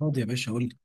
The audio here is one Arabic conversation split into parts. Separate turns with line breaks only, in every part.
فاضي يا باشا، قول لي.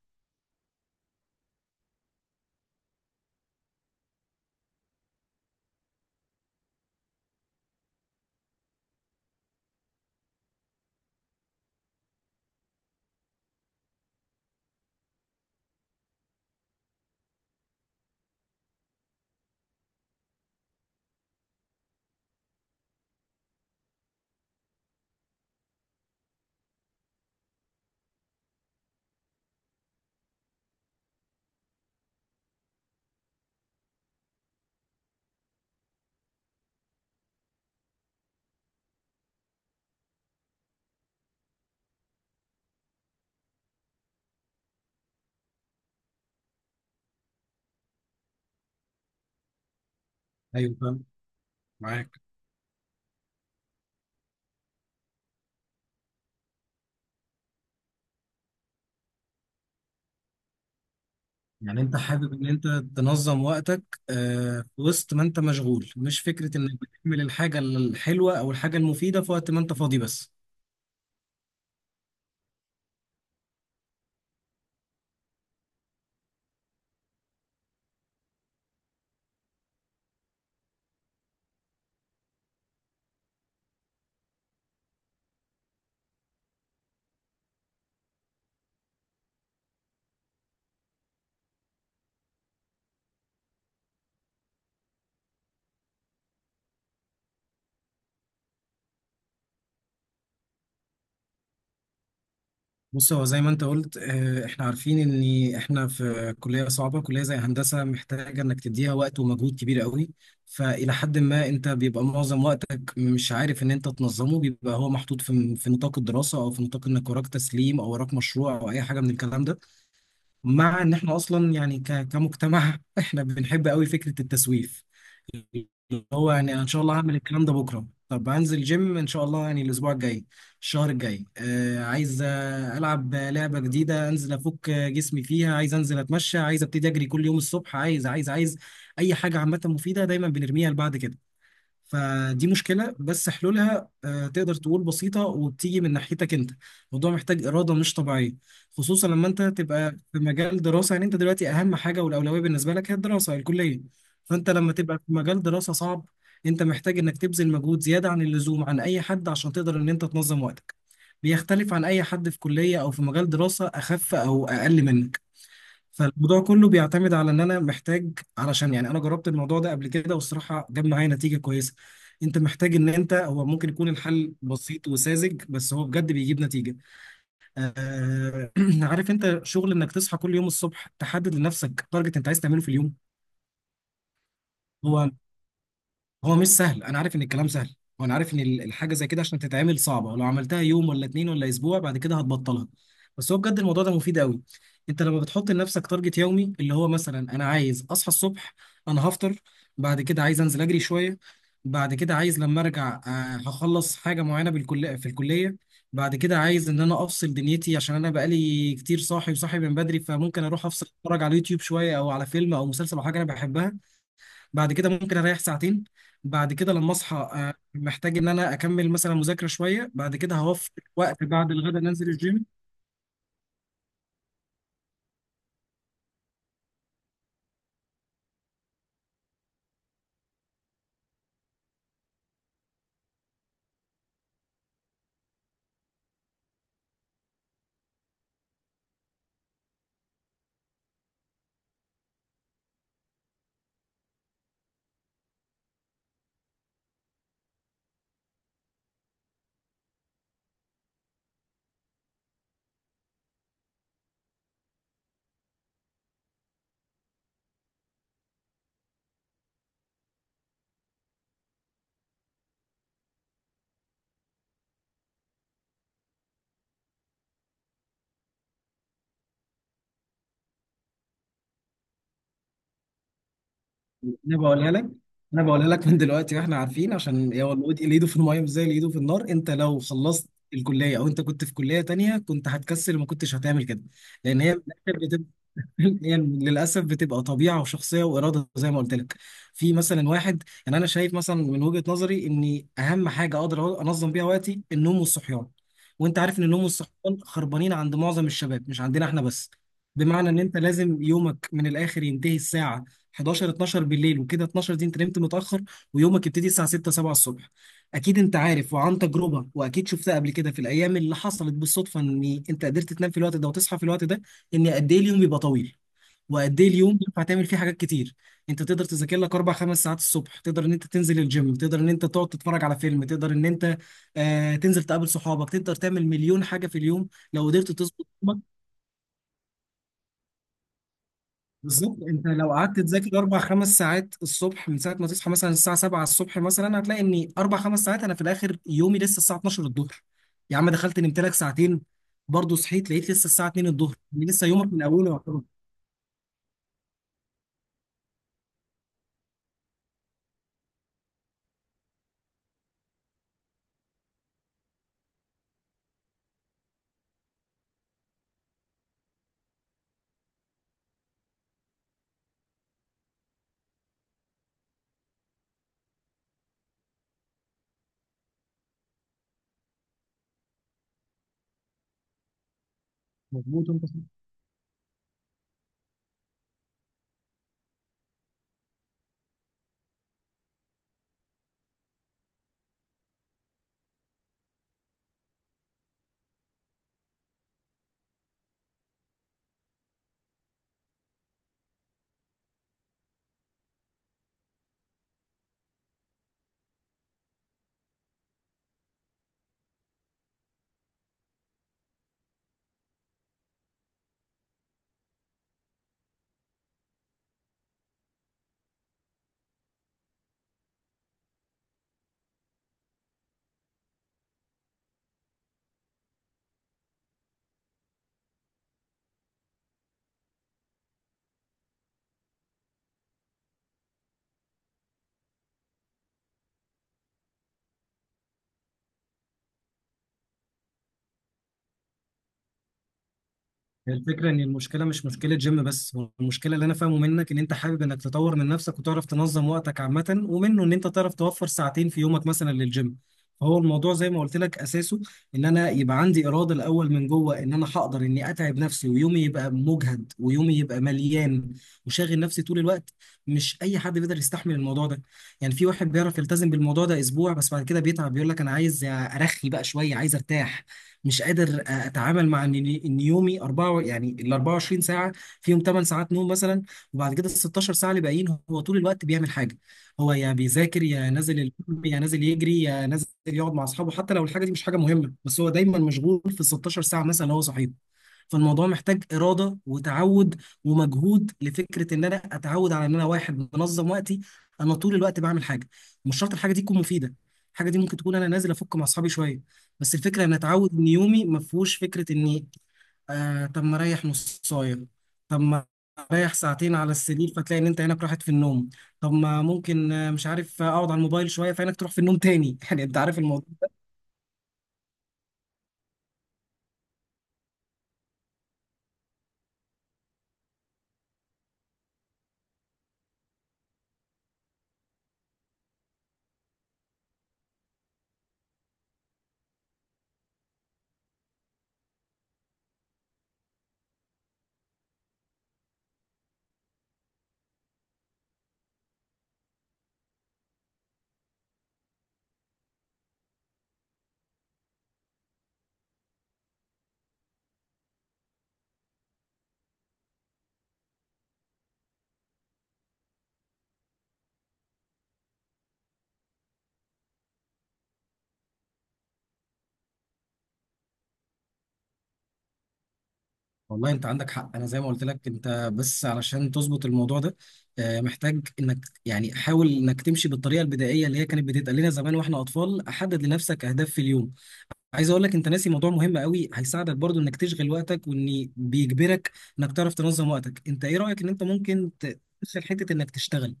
ايوه، فاهم، معاك. يعني انت حابب ان انت تنظم وقتك، في وسط ما انت مشغول، مش فكره انك بتعمل الحاجه الحلوه او الحاجه المفيده في وقت ما انت فاضي بس. بص، هو زي ما انت قلت، احنا عارفين ان احنا في كليه صعبه، كليه زي هندسه محتاجه انك تديها وقت ومجهود كبير قوي. فالى حد ما انت بيبقى معظم وقتك مش عارف ان انت تنظمه، بيبقى هو محطوط في نطاق الدراسه او في نطاق انك وراك تسليم او وراك مشروع او اي حاجه من الكلام ده. مع ان احنا اصلا يعني كمجتمع احنا بنحب قوي فكره التسويف، اللي هو يعني انا ان شاء الله هعمل الكلام ده بكره. طب هنزل جيم ان شاء الله يعني الاسبوع الجاي، الشهر الجاي، عايز، العب لعبه جديده، انزل افك جسمي فيها، عايز انزل اتمشى، عايز ابتدي اجري كل يوم الصبح، عايز عايز عايز اي حاجه عامه مفيده دايما بنرميها لبعد كده. فدي مشكلة بس حلولها تقدر تقول بسيطة وبتيجي من ناحيتك انت. الموضوع محتاج إرادة مش طبيعية، خصوصا لما انت تبقى في مجال دراسة. يعني انت دلوقتي أهم حاجة والأولوية بالنسبة لك هي الدراسة الكلية. فانت لما تبقى في مجال دراسة صعب، انت محتاج انك تبذل مجهود زيادة عن اللزوم عن أي حد عشان تقدر ان انت تنظم وقتك. بيختلف عن أي حد في كلية أو في مجال دراسة أخف أو أقل منك. فالموضوع كله بيعتمد على ان انا محتاج، علشان يعني انا جربت الموضوع ده قبل كده والصراحه جاب معايا نتيجه كويسه. انت محتاج ان انت، هو ممكن يكون الحل بسيط وساذج بس هو بجد بيجيب نتيجه. آه عارف انت، شغل انك تصحى كل يوم الصبح، تحدد لنفسك تارجت انت عايز تعمله في اليوم. هو هو مش سهل، انا عارف ان الكلام سهل، وانا عارف ان الحاجه زي كده عشان تتعمل صعبه، ولو عملتها يوم ولا اتنين ولا اسبوع بعد كده هتبطلها، بس هو بجد الموضوع ده مفيد قوي. انت لما بتحط لنفسك تارجت يومي اللي هو مثلا، انا عايز اصحى الصبح، انا هفطر، بعد كده عايز انزل اجري شويه، بعد كده عايز لما ارجع، هخلص حاجه معينه بالكليه في الكليه، بعد كده عايز ان انا افصل دنيتي، عشان انا بقالي كتير صاحي وصاحي من بدري، فممكن اروح افصل اتفرج على اليوتيوب شويه او على فيلم او مسلسل او حاجه انا بحبها، بعد كده ممكن اريح ساعتين، بعد كده لما اصحى محتاج ان انا اكمل مثلا مذاكره شويه، بعد كده هوفر وقت بعد الغدا ننزل الجيم. انا بقولها لك، انا بقولها لك من دلوقتي، واحنا عارفين عشان، يا والله اللي ايده في الميه مش زي اللي ايده في النار، انت لو خلصت الكليه او انت كنت في كليه تانية كنت هتكسل وما كنتش هتعمل كده. لان هي في الاخر يعني للاسف بتبقى طبيعه وشخصيه واراده زي ما قلت لك. في مثلا واحد، يعني انا شايف مثلا من وجهه نظري ان اهم حاجه اقدر انظم بيها وقتي النوم والصحيان. وانت عارف ان النوم والصحيان خربانين عند معظم الشباب، مش عندنا احنا بس. بمعنى ان انت لازم يومك من الاخر ينتهي الساعه 11 12 بالليل، وكده 12 دي انت نمت متاخر، ويومك يبتدي الساعه 6 7 الصبح. اكيد انت عارف وعن تجربه، واكيد شفتها قبل كده في الايام اللي حصلت بالصدفه ان انت قدرت تنام في الوقت ده وتصحى في الوقت ده، ان قد ايه اليوم بيبقى طويل، وقد ايه اليوم ينفع تعمل فيه حاجات كتير. انت تقدر تذاكر لك اربع خمس ساعات الصبح، تقدر ان انت تنزل الجيم، تقدر ان انت تقعد تتفرج على فيلم، تقدر ان انت تنزل تقابل صحابك، تقدر تعمل مليون حاجه في اليوم لو قدرت تظبط يومك. بالظبط، انت لو قعدت تذاكر اربع خمس ساعات الصبح من ساعه ما تصحى مثلا الساعه 7 الصبح، مثلا هتلاقي ان اربع خمس ساعات انا في الاخر يومي لسه الساعه 12 الظهر، يا عم دخلت نمت لك ساعتين، برضه صحيت لقيت لسه الساعه 2 الظهر، يعني لسه يومك من اوله يعتبر. مظبوط. هي الفكرة إن المشكلة مش مشكلة جيم بس، هو المشكلة اللي أنا فاهمه منك إن أنت حابب إنك تطور من نفسك وتعرف تنظم وقتك عامة، ومنه إن أنت تعرف توفر ساعتين في يومك مثلا للجيم. فهو الموضوع زي ما قلت لك أساسه إن أنا يبقى عندي إرادة الأول من جوه، إن أنا هقدر إني أتعب نفسي ويومي يبقى مجهد ويومي يبقى مليان وشاغل نفسي طول الوقت. مش أي حد بيقدر يستحمل الموضوع ده، يعني في واحد بيعرف يلتزم بالموضوع ده أسبوع بس بعد كده بيتعب بيقول لك أنا عايز أرخي بقى شوية عايز أرتاح، مش قادر اتعامل مع ان يومي 4 يعني ال 24 ساعه فيهم 8 ساعات نوم مثلا، وبعد كده ال 16 ساعه اللي باقيين هو طول الوقت بيعمل حاجه. هو يا بيذاكر يا نازل الجيم يا نازل يجري يا نازل يقعد مع اصحابه، حتى لو الحاجه دي مش حاجه مهمه، بس هو دايما مشغول في ال 16 ساعه مثلا، اللي هو صحيح. فالموضوع محتاج اراده وتعود ومجهود لفكره ان انا اتعود على ان انا واحد منظم وقتي، انا طول الوقت بعمل حاجه، مش شرط الحاجه دي تكون مفيده، الحاجه دي ممكن تكون انا نازل افك مع اصحابي شويه. بس الفكره ان اتعود ان يومي ما فيهوش فكره اني طب ما اريح نصايه، طب ما اريح ساعتين على السرير فتلاقي ان انت عينك راحت في النوم، طب ما ممكن، مش عارف، اقعد على الموبايل شويه فعينك تروح في النوم تاني يعني انت عارف الموضوع. والله انت عندك حق، انا زي ما قلت لك، انت بس علشان تظبط الموضوع ده محتاج انك، يعني حاول انك تمشي بالطريقه البدائيه اللي هي كانت بتتقال لنا زمان واحنا اطفال، احدد لنفسك اهداف في اليوم. عايز اقول لك، انت ناسي موضوع مهم قوي هيساعدك برضو انك تشغل وقتك وان بيجبرك انك تعرف تنظم وقتك، انت ايه رايك ان انت ممكن تدخل حته انك تشتغل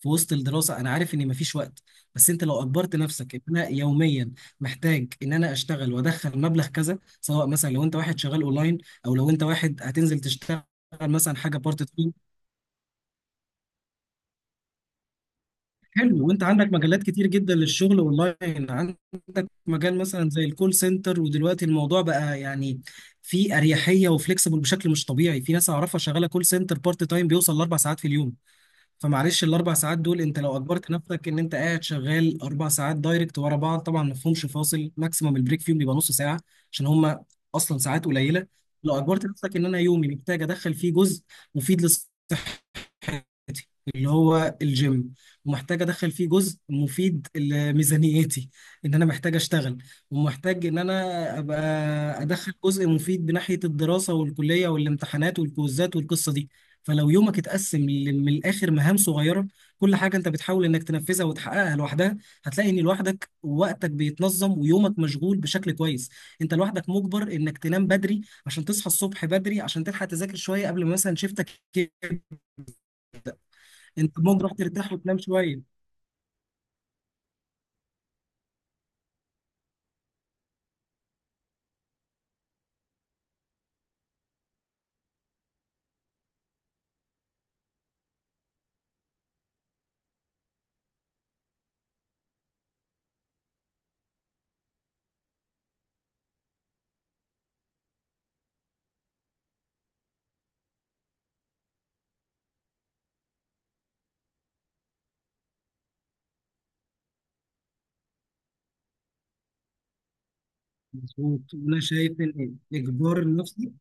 في وسط الدراسه. انا عارف ان مفيش وقت، بس انت لو اجبرت نفسك ان انا يوميا محتاج ان انا اشتغل وادخل مبلغ كذا، سواء مثلا لو انت واحد شغال اونلاين، او لو انت واحد هتنزل تشتغل مثلا حاجه بارت تايم. حلو، وانت عندك مجالات كتير جدا للشغل اونلاين، عندك مجال مثلا زي الكول سنتر، ودلوقتي الموضوع بقى يعني في اريحيه وفليكسبل بشكل مش طبيعي، في ناس اعرفها شغاله كول سنتر بارت تايم بيوصل لاربع ساعات في اليوم. فمعلش، الاربع ساعات دول انت لو اجبرت نفسك ان انت قاعد شغال اربع ساعات دايركت ورا بعض، طبعا ما فيهمش فاصل، ماكسيمم البريك فيهم بيبقى نص ساعه عشان هم اصلا ساعات قليله. لو اجبرت نفسك ان انا يومي محتاج ادخل فيه جزء مفيد لصحتي، ميزانيتي، اللي هو الجيم، ومحتاج ادخل فيه جزء مفيد لميزانيتي ان انا محتاج اشتغل، ومحتاج ان انا ابقى ادخل جزء مفيد بناحية الدراسة والكلية والامتحانات والكوزات والقصة دي. فلو يومك اتقسم من الاخر مهام صغيرة، كل حاجة انت بتحاول انك تنفذها وتحققها لوحدها، هتلاقي ان لوحدك وقتك بيتنظم ويومك مشغول بشكل كويس. انت لوحدك مجبر انك تنام بدري عشان تصحى الصبح بدري، عشان تلحق تذاكر شوية قبل ما مثلا شيفتك، انت ممكن تروح ترتاح وتنام شويه. مظبوط. اجبار نفسك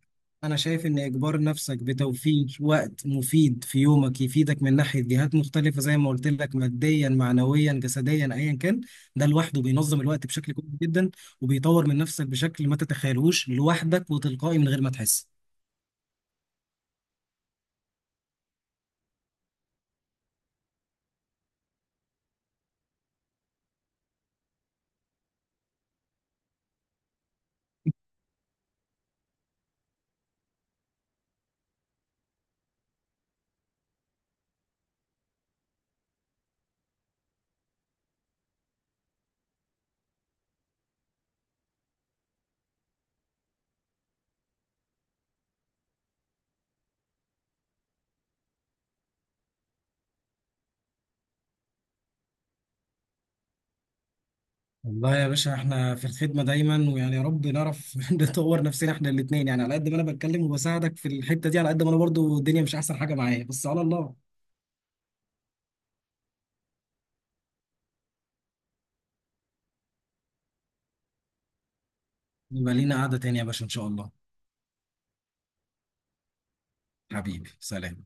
انا شايف ان اجبار نفسك بتوفير وقت مفيد في يومك يفيدك من ناحيه جهات مختلفه زي ما قلت لك، ماديا، معنويا، جسديا، ايا كان. ده لوحده بينظم الوقت بشكل كويس جدا، وبيطور من نفسك بشكل ما تتخيلوش لوحدك وتلقائي من غير ما تحس. والله يا باشا، احنا في الخدمة دايما، ويعني يا رب نعرف نطور نفسنا احنا الاتنين، يعني على قد ما انا بتكلم وبساعدك في الحتة دي، على قد ما انا برضو الدنيا مش احسن حاجة معايا، بس على الله. يبقى لينا قعدة تانية يا باشا، إن شاء الله. حبيبي سلام.